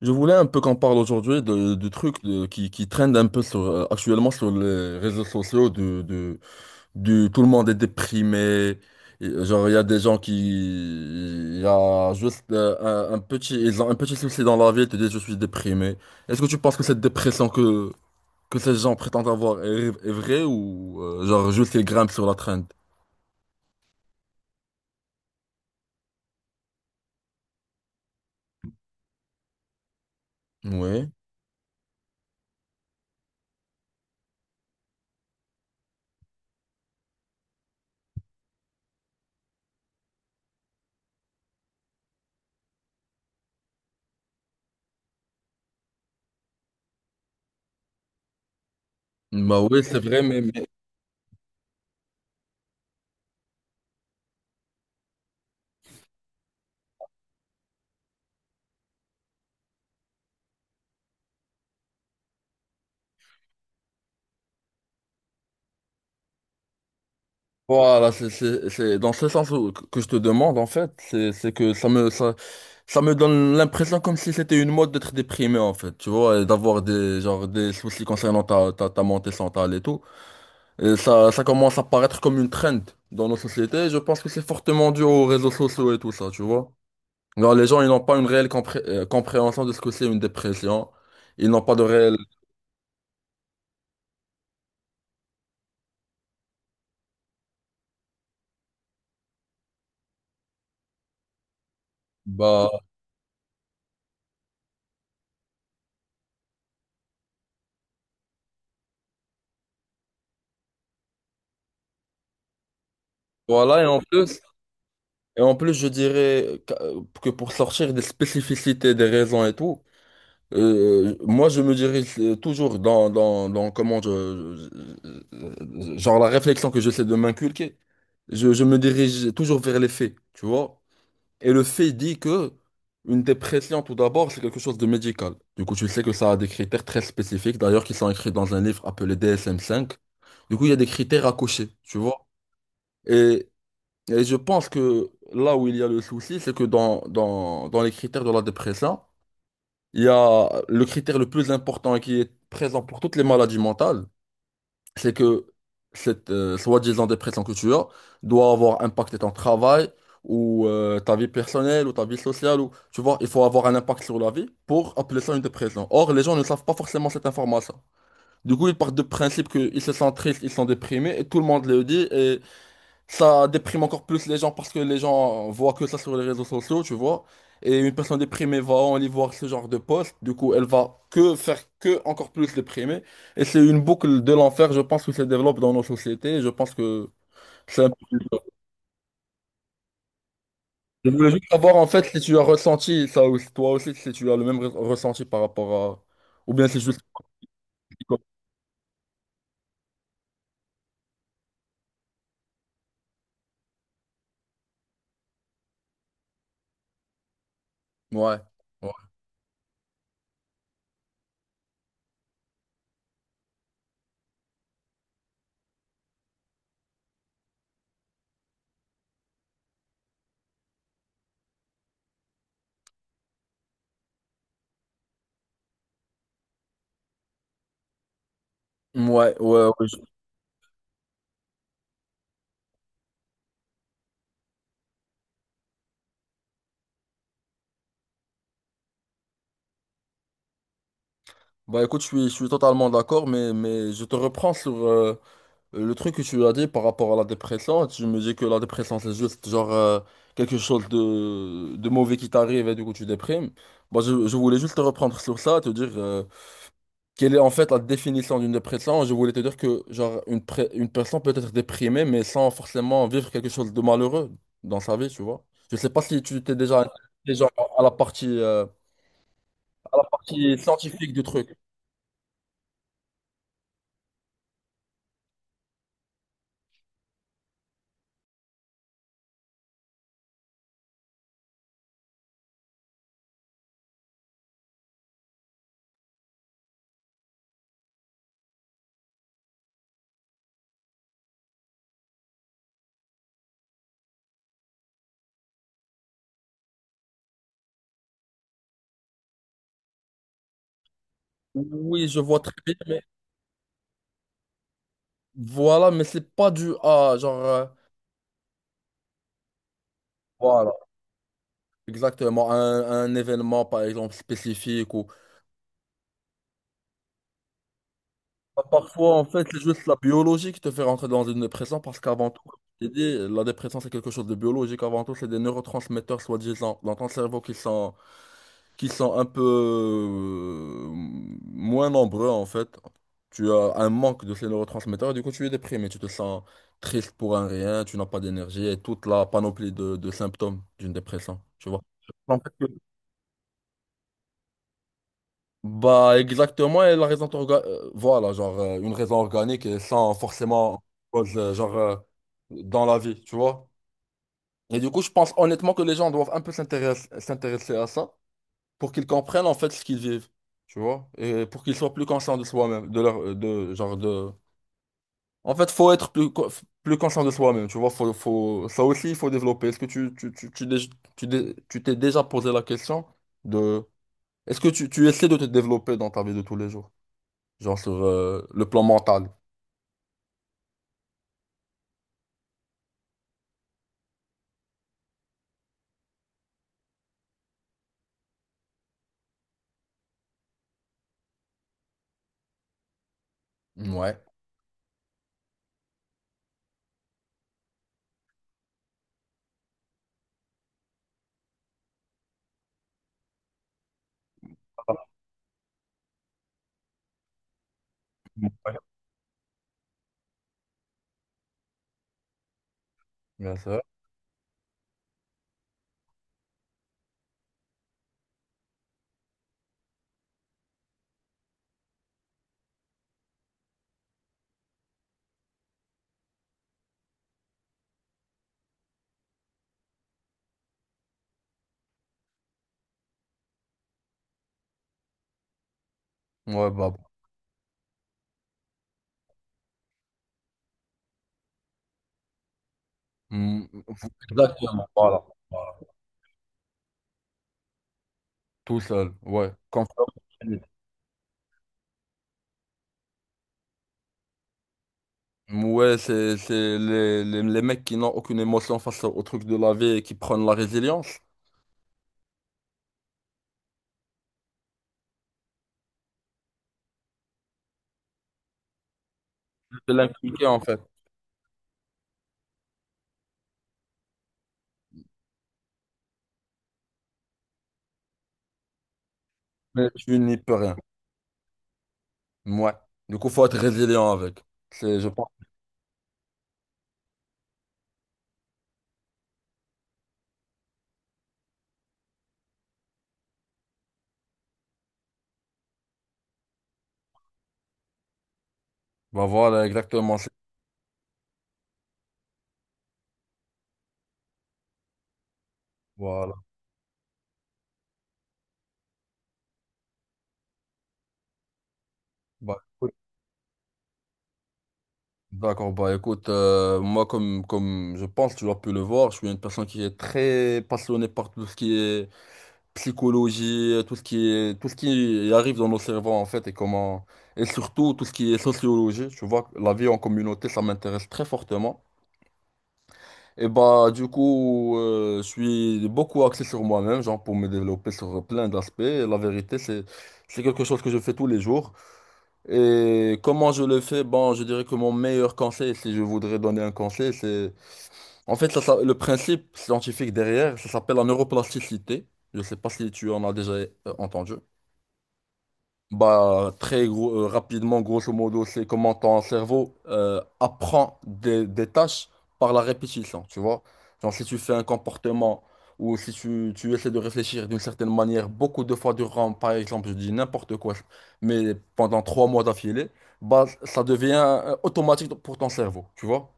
Je voulais un peu qu'on parle aujourd'hui de trucs qui traînent un peu sur, actuellement sur les réseaux sociaux, tout le monde est déprimé. Et, genre, il y a des gens il y a juste ils ont un petit souci dans la vie et te disent je suis déprimé. Est-ce que tu penses que cette dépression que ces gens prétendent avoir est vraie ou genre juste ils grimpent sur la traîne? Oui, bah oui, c'est vrai, mais voilà, c'est dans ce sens que je te demande en fait, c'est que ça me donne l'impression comme si c'était une mode d'être déprimé en fait, tu vois, et d'avoir des genre des soucis concernant ta, ta santé mentale et tout. Et ça commence à paraître comme une trend dans nos sociétés. Je pense que c'est fortement dû aux réseaux sociaux et tout ça, tu vois. Genre, les gens, ils n'ont pas une réelle compréhension de ce que c'est une dépression. Ils n'ont pas de réelle. Bah, voilà, et en plus, je dirais que pour sortir des spécificités des raisons et tout. Moi, je me dirige toujours dans comment genre la réflexion que j'essaie de m'inculquer. Je me dirige toujours vers les faits, tu vois. Et le fait dit que une dépression, tout d'abord, c'est quelque chose de médical. Du coup, tu sais que ça a des critères très spécifiques, d'ailleurs, qui sont écrits dans un livre appelé DSM-5. Du coup, il y a des critères à cocher, tu vois. Et, et je pense que là où il y a le souci, c'est que dans les critères de la dépression, il y a le critère le plus important et qui est présent pour toutes les maladies mentales, c'est que cette soi-disant dépression que tu as doit avoir impacté ton travail ou ta vie personnelle ou ta vie sociale. Ou, tu vois, il faut avoir un impact sur la vie pour appeler ça une dépression. Or, les gens ne savent pas forcément cette information. Du coup, ils partent de principe qu'ils se sentent tristes, ils sont déprimés et tout le monde le dit. Ça déprime encore plus les gens parce que les gens voient que ça sur les réseaux sociaux, tu vois. Et une personne déprimée va aller voir ce genre de post. Du coup, elle va que faire que encore plus déprimée. Et c'est une boucle de l'enfer, je pense, qui se développe dans nos sociétés. Je pense que c'est un peu dur. Je voulais juste savoir, en fait, si tu as ressenti ça aussi, toi aussi, si tu as le même ressenti par rapport à. Ou bien c'est juste. Ouais. Ouais. Ouais, ouais, ouais. Bah écoute, je suis totalement d'accord, mais je te reprends sur, le truc que tu as dit par rapport à la dépression, tu me dis que la dépression c'est juste genre quelque chose de mauvais qui t'arrive et du coup tu déprimes. Moi je voulais juste te reprendre sur ça, te dire quelle est en fait la définition d'une dépression. Je voulais te dire que genre une personne peut être déprimée mais sans forcément vivre quelque chose de malheureux dans sa vie, tu vois. Je sais pas si tu t'es déjà intéressé, genre, à la partie, euh, à la partie scientifique du truc. Oui, je vois très bien, mais voilà, mais c'est pas dû à genre. Voilà Exactement, un événement par exemple spécifique ou. Bah, parfois en fait c'est juste la biologie qui te fait rentrer dans une dépression parce qu'avant tout, comme je t'ai dit, la dépression c'est quelque chose de biologique, avant tout c'est des neurotransmetteurs soi-disant dans ton cerveau qui sont un peu moins nombreux en fait. Tu as un manque de ces neurotransmetteurs et du coup tu es déprimé, tu te sens triste pour un rien, tu n'as pas d'énergie et toute la panoplie de symptômes d'une dépression, tu vois. En fait, bah, exactement, et la raison voilà, genre une raison organique et sans forcément cause, dans la vie, tu vois. Et du coup, je pense honnêtement que les gens doivent un peu s'intéresser à ça pour qu'ils comprennent en fait ce qu'ils vivent, tu vois, et pour qu'ils soient plus conscients de soi-même, de leur de genre de En fait, faut être plus conscient de soi-même, tu vois, faut ça aussi il faut développer. Est-ce que tu t'es déjà posé la question de est-ce que tu essaies de te développer dans ta vie de tous les jours? Genre sur le plan mental. Ouais. Ouais. Bien sûr. Ouais, bah. Mm, exactement, voilà. Voilà. Tout seul, ouais. Comme ça. Ouais, c'est les mecs qui n'ont aucune émotion face au truc de la vie et qui prennent la résilience. C'est l'inculquer en fait. Mais tu n'y peux rien. Ouais. Du coup, faut être résilient avec. C'est, je pense. Bah voilà, exactement. Voilà. Bah, d'accord, bah écoute, moi comme je pense, tu as pu le voir, je suis une personne qui est très passionnée par tout ce qui est psychologie, tout ce qui est, tout ce qui arrive dans nos cerveaux en fait et comment, et surtout tout ce qui est sociologie, tu vois, la vie en communauté, ça m'intéresse très fortement. Et bah du coup, je suis beaucoup axé sur moi-même, genre pour me développer sur plein d'aspects. Et la vérité, c'est quelque chose que je fais tous les jours. Et comment je le fais? Bon, je dirais que mon meilleur conseil, si je voudrais donner un conseil, c'est en fait ça, le principe scientifique derrière, ça s'appelle la neuroplasticité. Je sais pas si tu en as déjà entendu. Bah, très gros, rapidement, grosso modo, c'est comment ton cerveau apprend des tâches par la répétition, tu vois. Genre, si tu fais un comportement ou si tu essaies de réfléchir d'une certaine manière beaucoup de fois durant, par exemple, je dis n'importe quoi, mais pendant 3 mois d'affilée, bah, ça devient automatique pour ton cerveau, tu vois.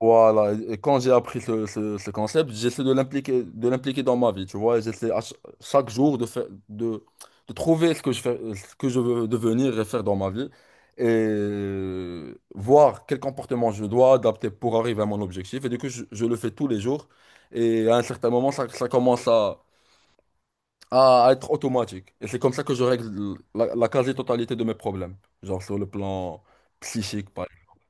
Voilà, et quand j'ai appris ce concept, j'essaie de l'impliquer, dans ma vie, tu vois, j'essaie chaque jour de faire, de trouver ce que je fais, ce que je veux devenir et faire dans ma vie, et voir quel comportement je dois adapter pour arriver à mon objectif, et du coup, je le fais tous les jours, et à un certain moment, ça commence à être automatique, et c'est comme ça que je règle la quasi-totalité de mes problèmes, genre sur le plan psychique, par exemple.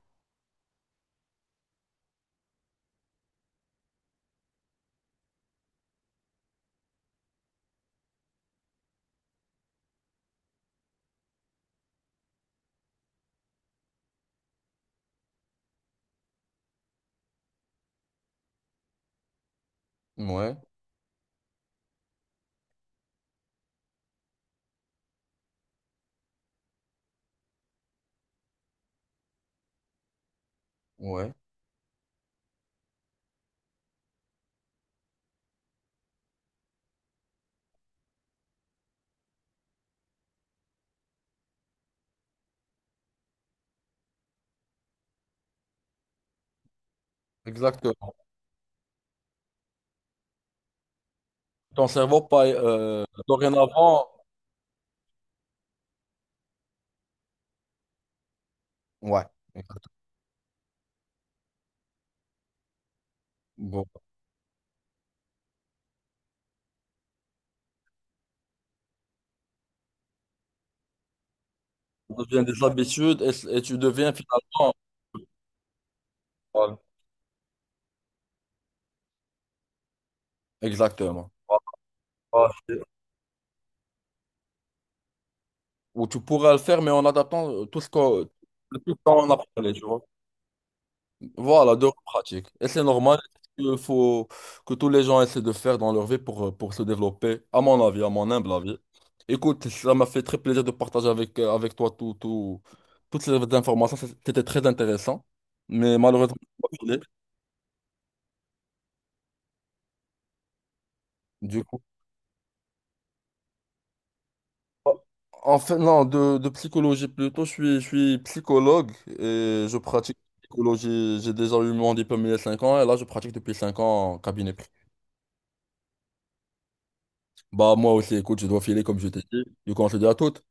Ouais, ouais, exactement. Ton cerveau, pas, dorénavant. Ouais, exactement. Bon. Ça devient des habitudes et tu deviens finalement. Voilà. Exactement. Voilà. Ou tu pourrais le faire, mais en adaptant tout ce qu'on tout on a parlé, tu vois. Voilà, de pratique. Et c'est normal il faut que tous les gens essaient de faire dans leur vie pour se développer, à mon avis, à mon humble avis. Écoute, ça m'a fait très plaisir de partager avec, avec toi tout, toutes ces informations. C'était très intéressant, mais malheureusement. Du coup, oh, en fait non, de psychologie plutôt, je suis psychologue et je pratique la psychologie. J'ai déjà eu mon diplôme il y a 5 ans et là, je pratique depuis 5 ans en cabinet privé. Bah, moi aussi, écoute, je dois filer comme je t'ai dit. Du coup, on se dit à toutes.